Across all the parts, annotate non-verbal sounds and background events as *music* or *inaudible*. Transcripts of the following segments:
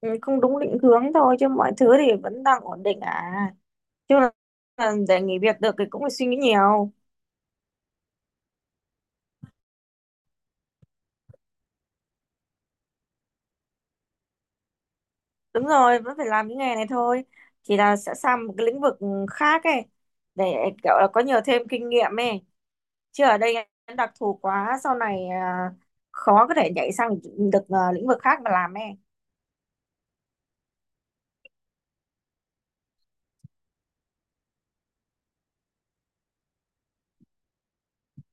Ừ, không đúng định hướng thôi chứ mọi thứ thì vẫn đang ổn định à chứ là để nghỉ việc được thì cũng phải suy nghĩ nhiều. Đúng rồi, vẫn phải làm những nghề này thôi, chỉ là sẽ sang một cái lĩnh vực khác ấy để kiểu là có nhiều thêm kinh nghiệm ấy, chứ ở đây em đặc thù quá sau này à, khó có thể nhảy sang được à, lĩnh vực khác mà làm ấy.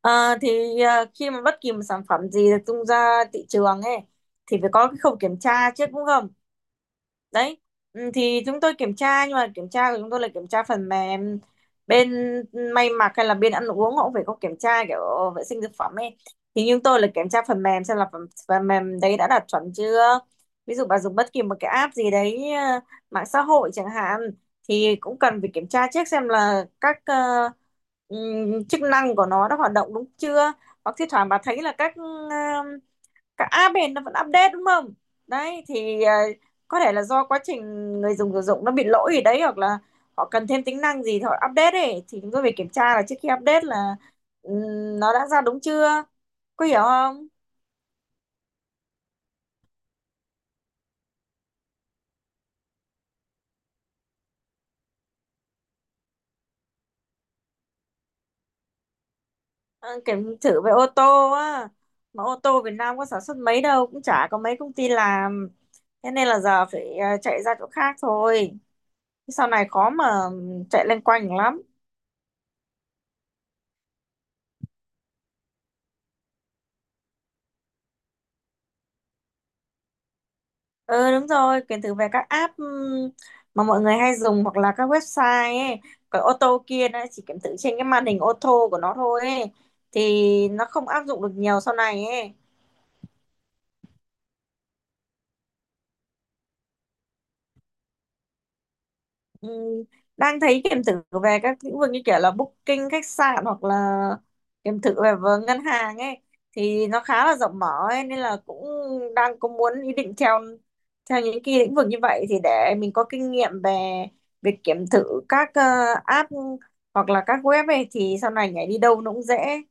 Khi mà bất kỳ một sản phẩm gì được tung ra thị trường ấy thì phải có cái khâu kiểm tra trước đúng không, đấy, ừ, thì chúng tôi kiểm tra, nhưng mà kiểm tra của chúng tôi là kiểm tra phần mềm. Bên may mặc hay là bên ăn uống họ cũng phải có kiểm tra kiểu vệ sinh thực phẩm ấy, thì chúng tôi là kiểm tra phần mềm xem là phần mềm đấy đã đạt chuẩn chưa. Ví dụ bà dùng bất kỳ một cái app gì đấy, mạng xã hội chẳng hạn, thì cũng cần phải kiểm tra trước xem là các chức năng của nó đã hoạt động đúng chưa, hoặc thi thoảng bà thấy là các cả à, bền nó vẫn update đúng không? Đấy thì có thể là do quá trình người dùng sử dụng nó bị lỗi gì đấy, hoặc là họ cần thêm tính năng gì thì họ update ấy, thì chúng tôi phải kiểm tra là trước khi update là, nó đã ra đúng chưa? Có hiểu không? Ờ, Kiểm thử về ô tô á, mà ô tô Việt Nam có sản xuất mấy đâu, cũng chả có mấy công ty làm, thế nên là giờ phải chạy ra chỗ khác thôi, sau này khó mà chạy loanh quanh lắm. Ừ đúng rồi, quyền thử về các app, mà mọi người hay dùng, hoặc là các website ấy. Còn ô tô kia nó chỉ kiểm thử trên cái màn hình ô tô của nó thôi ấy. Thì nó không áp dụng được nhiều sau này ấy. Ừ, đang thấy kiểm thử về các lĩnh vực như kiểu là booking khách sạn hoặc là kiểm thử về ngân hàng ấy, thì nó khá là rộng mở ấy, nên là cũng đang có muốn ý định theo theo những cái lĩnh vực như vậy, thì để mình có kinh nghiệm về việc kiểm thử các app hoặc là các web ấy, thì sau này nhảy đi đâu nó cũng dễ.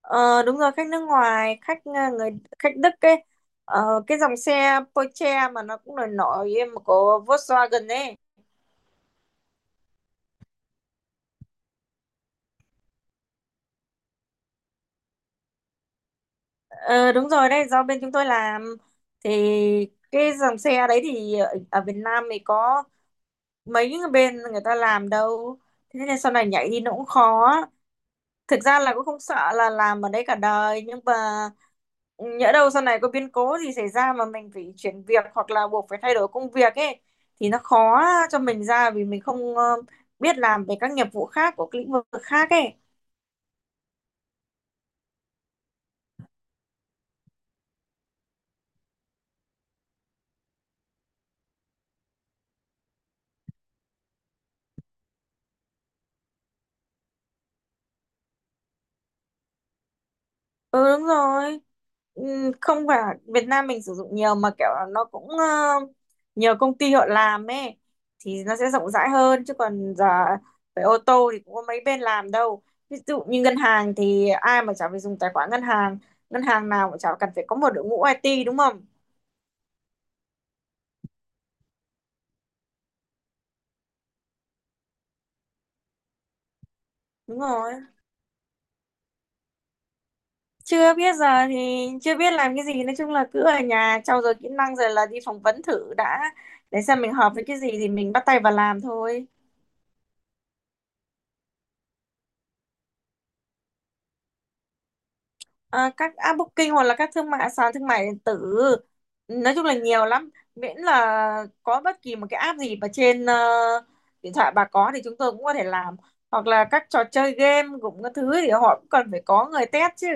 Ờ, Đúng rồi, khách nước ngoài, khách người khách Đức ấy. Cái dòng xe Porsche mà nó cũng nổi nổi mà của Volkswagen ấy. Ờ, Đúng rồi đấy, do bên chúng tôi làm thì cái dòng xe đấy thì ở Việt Nam thì có mấy cái bên người ta làm đâu. Thế nên sau này nhảy đi nó cũng khó. Thực ra là cũng không sợ là làm ở đấy cả đời, nhưng mà nhỡ đâu sau này có biến cố gì xảy ra mà mình phải chuyển việc hoặc là buộc phải thay đổi công việc ấy, thì nó khó cho mình ra vì mình không biết làm về các nghiệp vụ khác của cái lĩnh vực khác ấy. Ừ đúng rồi. Ừ, không phải Việt Nam mình sử dụng nhiều, mà kiểu là nó cũng nhiều công ty họ làm ấy, thì nó sẽ rộng rãi hơn, chứ còn giờ phải ô tô thì cũng có mấy bên làm đâu. Ví dụ như ngân hàng thì ai mà chả phải dùng tài khoản ngân hàng nào cũng chả cần phải có một đội ngũ IT đúng không? Đúng rồi. Chưa biết, giờ thì chưa biết làm cái gì, nói chung là cứ ở nhà trau dồi kỹ năng rồi là đi phỏng vấn thử đã, để xem mình hợp với cái gì thì mình bắt tay vào làm thôi. À, các app booking hoặc là các thương mại sàn thương mại điện tử, nói chung là nhiều lắm, miễn là có bất kỳ một cái app gì mà trên điện thoại bà có thì chúng tôi cũng có thể làm, hoặc là các trò chơi game cũng có thứ thì họ cũng cần phải có người test chứ.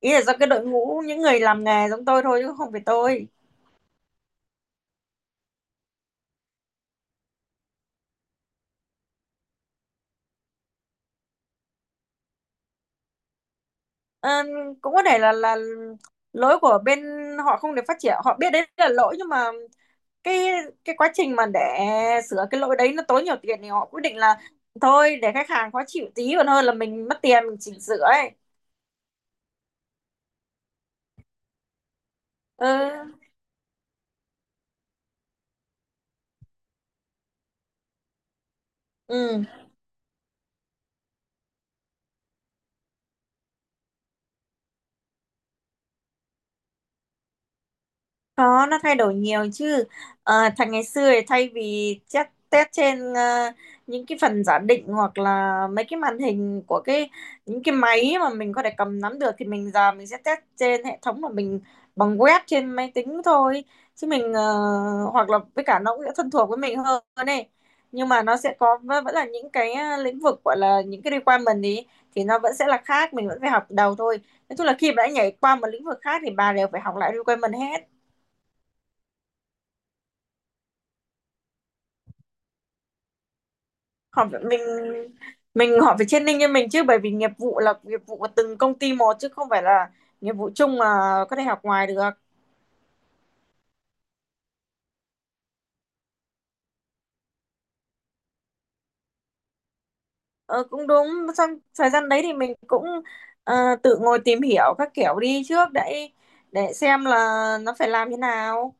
Ý là do cái đội ngũ những người làm nghề giống tôi thôi chứ không phải tôi. Ờ, Cũng có thể là lỗi của bên họ không được phát triển, họ biết đấy là lỗi nhưng mà cái cái quá trình mà để sửa cái lỗi đấy nó tốn nhiều tiền thì họ quyết định là thôi để khách hàng khó chịu tí còn hơn là mình mất tiền mình chỉnh sửa ấy. Ừ. Ừ. Có, nó thay đổi nhiều chứ. Thành ngày xưa thì thay vì test, test trên những cái phần giả định hoặc là mấy cái màn hình của những cái máy mà mình có thể cầm nắm được, thì mình giờ mình sẽ test trên hệ thống mà mình bằng web trên máy tính thôi. Chứ mình hoặc là với cả nó cũng sẽ thân thuộc với mình hơn này. Nhưng mà nó sẽ có vẫn vẫn là những cái lĩnh vực gọi là những cái requirement ý, thì nó vẫn sẽ là khác, mình vẫn phải học từ đầu thôi. Nói chung là khi mà đã nhảy qua một lĩnh vực khác thì bà đều phải học lại requirement hết. họ phải- mình mình họ phải training cho mình chứ, bởi vì nghiệp vụ là nghiệp vụ của từng công ty một chứ không phải là nghiệp vụ chung mà có thể học ngoài được. Ờ, Cũng đúng, xong thời gian đấy thì mình cũng tự ngồi tìm hiểu các kiểu đi trước để xem là nó phải làm thế nào,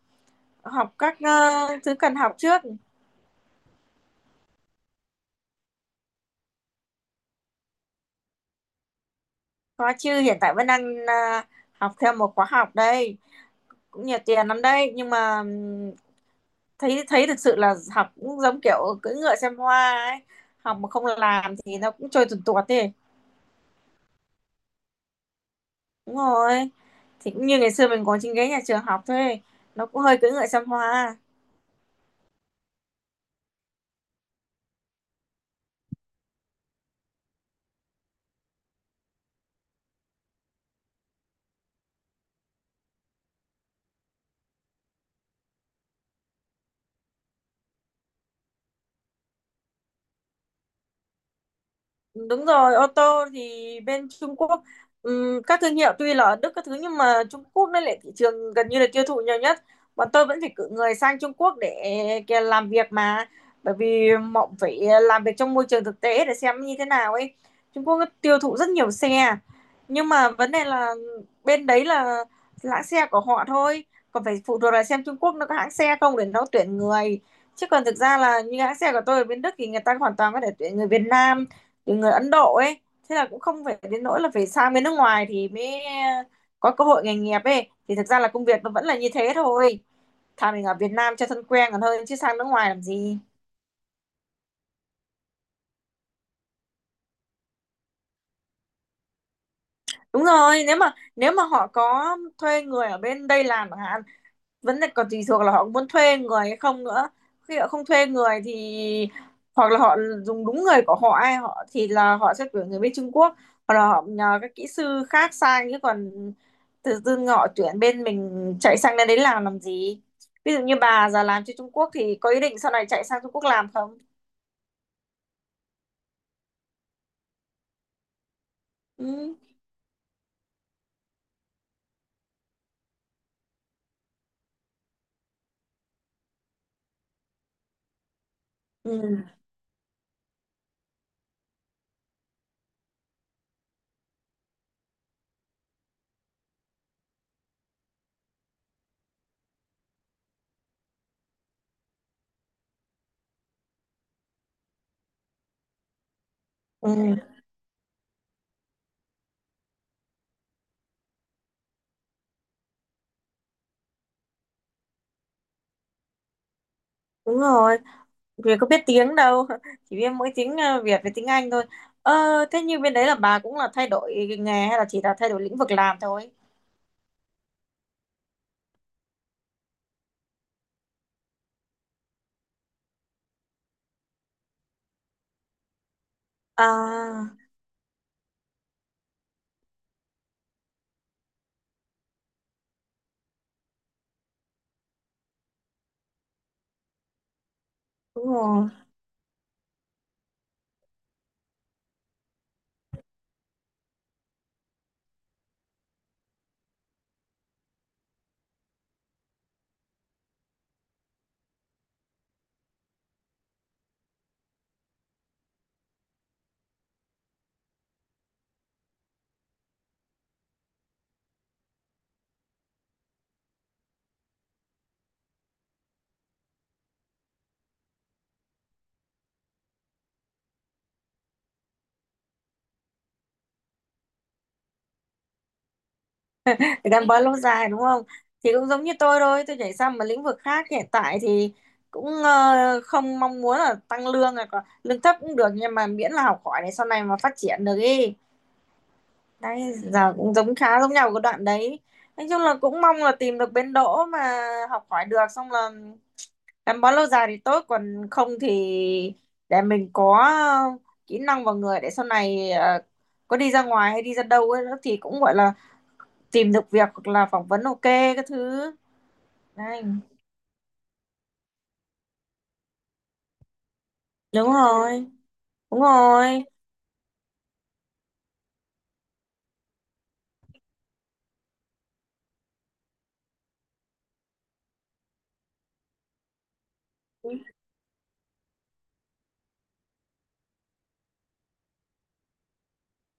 học các thứ cần học trước. Có chứ, hiện tại vẫn đang học thêm một khóa học đây, cũng nhiều tiền lắm đây nhưng mà thấy thấy thực sự là học cũng giống kiểu cưỡi ngựa xem hoa ấy, học mà không làm thì nó cũng trôi tuột tuột thế. Đúng rồi, thì cũng như ngày xưa mình ngồi trên ghế nhà trường học thôi, nó cũng hơi cưỡi ngựa xem hoa. Đúng rồi, ô tô thì bên Trung Quốc, các thương hiệu tuy là ở Đức các thứ nhưng mà Trung Quốc nó lại thị trường gần như là tiêu thụ nhiều nhất. Bọn tôi vẫn phải cử người sang Trung Quốc để kia làm việc mà, bởi vì họ phải làm việc trong môi trường thực tế để xem như thế nào ấy. Trung Quốc nó tiêu thụ rất nhiều xe, nhưng mà vấn đề là bên đấy là hãng xe của họ thôi, còn phải phụ thuộc là xem Trung Quốc nó có hãng xe không để nó tuyển người, chứ còn thực ra là như hãng xe của tôi ở bên Đức thì người ta hoàn toàn có thể tuyển người Việt Nam từ người Ấn Độ ấy. Thế là cũng không phải đến nỗi là phải sang bên nước ngoài thì mới có cơ hội nghề nghiệp ấy, thì thực ra là công việc nó vẫn là như thế thôi, thà mình ở Việt Nam cho thân quen còn hơn chứ sang nước ngoài làm gì. Đúng rồi, nếu mà họ có thuê người ở bên đây làm chẳng hạn, vẫn là còn tùy thuộc là họ muốn thuê người hay không nữa. Khi họ không thuê người thì hoặc là họ dùng đúng người của họ ai họ thì là họ sẽ tuyển người bên Trung Quốc, hoặc là họ nhờ các kỹ sư khác sang, chứ còn tự dưng họ tuyển bên mình chạy sang đến đấy làm gì. Ví dụ như bà giờ làm cho Trung Quốc thì có ý định sau này chạy sang Trung Quốc làm không? Ừ. Ừ. Ừ. Đúng rồi. Vì có biết tiếng đâu, *laughs* chỉ biết mỗi tiếng Việt với tiếng Anh thôi. Ờ, Thế như bên đấy là bà cũng là thay đổi nghề hay là chỉ là thay đổi lĩnh vực làm thôi? À, đúng rồi, gắn bó lâu dài đúng không? Thì cũng giống như tôi thôi, tôi nhảy sang một lĩnh vực khác hiện tại thì cũng không mong muốn là tăng lương, là lương thấp cũng được, nhưng mà miễn là học hỏi để sau này mà phát triển được ý. Đấy, giờ cũng giống khá giống nhau cái đoạn đấy. Nói chung là cũng mong là tìm được bến đỗ mà học hỏi được, xong là gắn bó lâu dài thì tốt, còn không thì để mình có kỹ năng vào người để sau này có đi ra ngoài hay đi ra đâu ấy, thì cũng gọi là tìm được việc hoặc là phỏng vấn ok các thứ. Đấy. Đúng rồi, đúng rồi.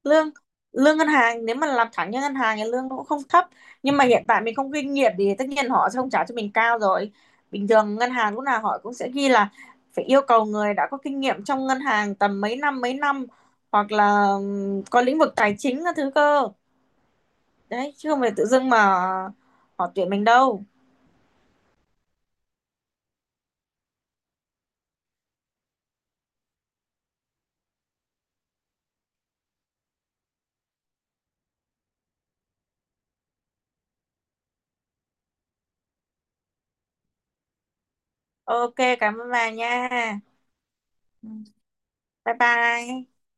Lương lương ngân hàng nếu mà làm thẳng như ngân hàng thì lương nó cũng không thấp, nhưng mà hiện tại mình không kinh nghiệm thì tất nhiên họ sẽ không trả cho mình cao rồi. Bình thường ngân hàng lúc nào họ cũng sẽ ghi là phải yêu cầu người đã có kinh nghiệm trong ngân hàng tầm mấy năm mấy năm, hoặc là có lĩnh vực tài chính các thứ cơ, đấy, chứ không phải tự dưng mà họ tuyển mình đâu. Ok, cảm ơn bà nha. Ừ. Bye bye.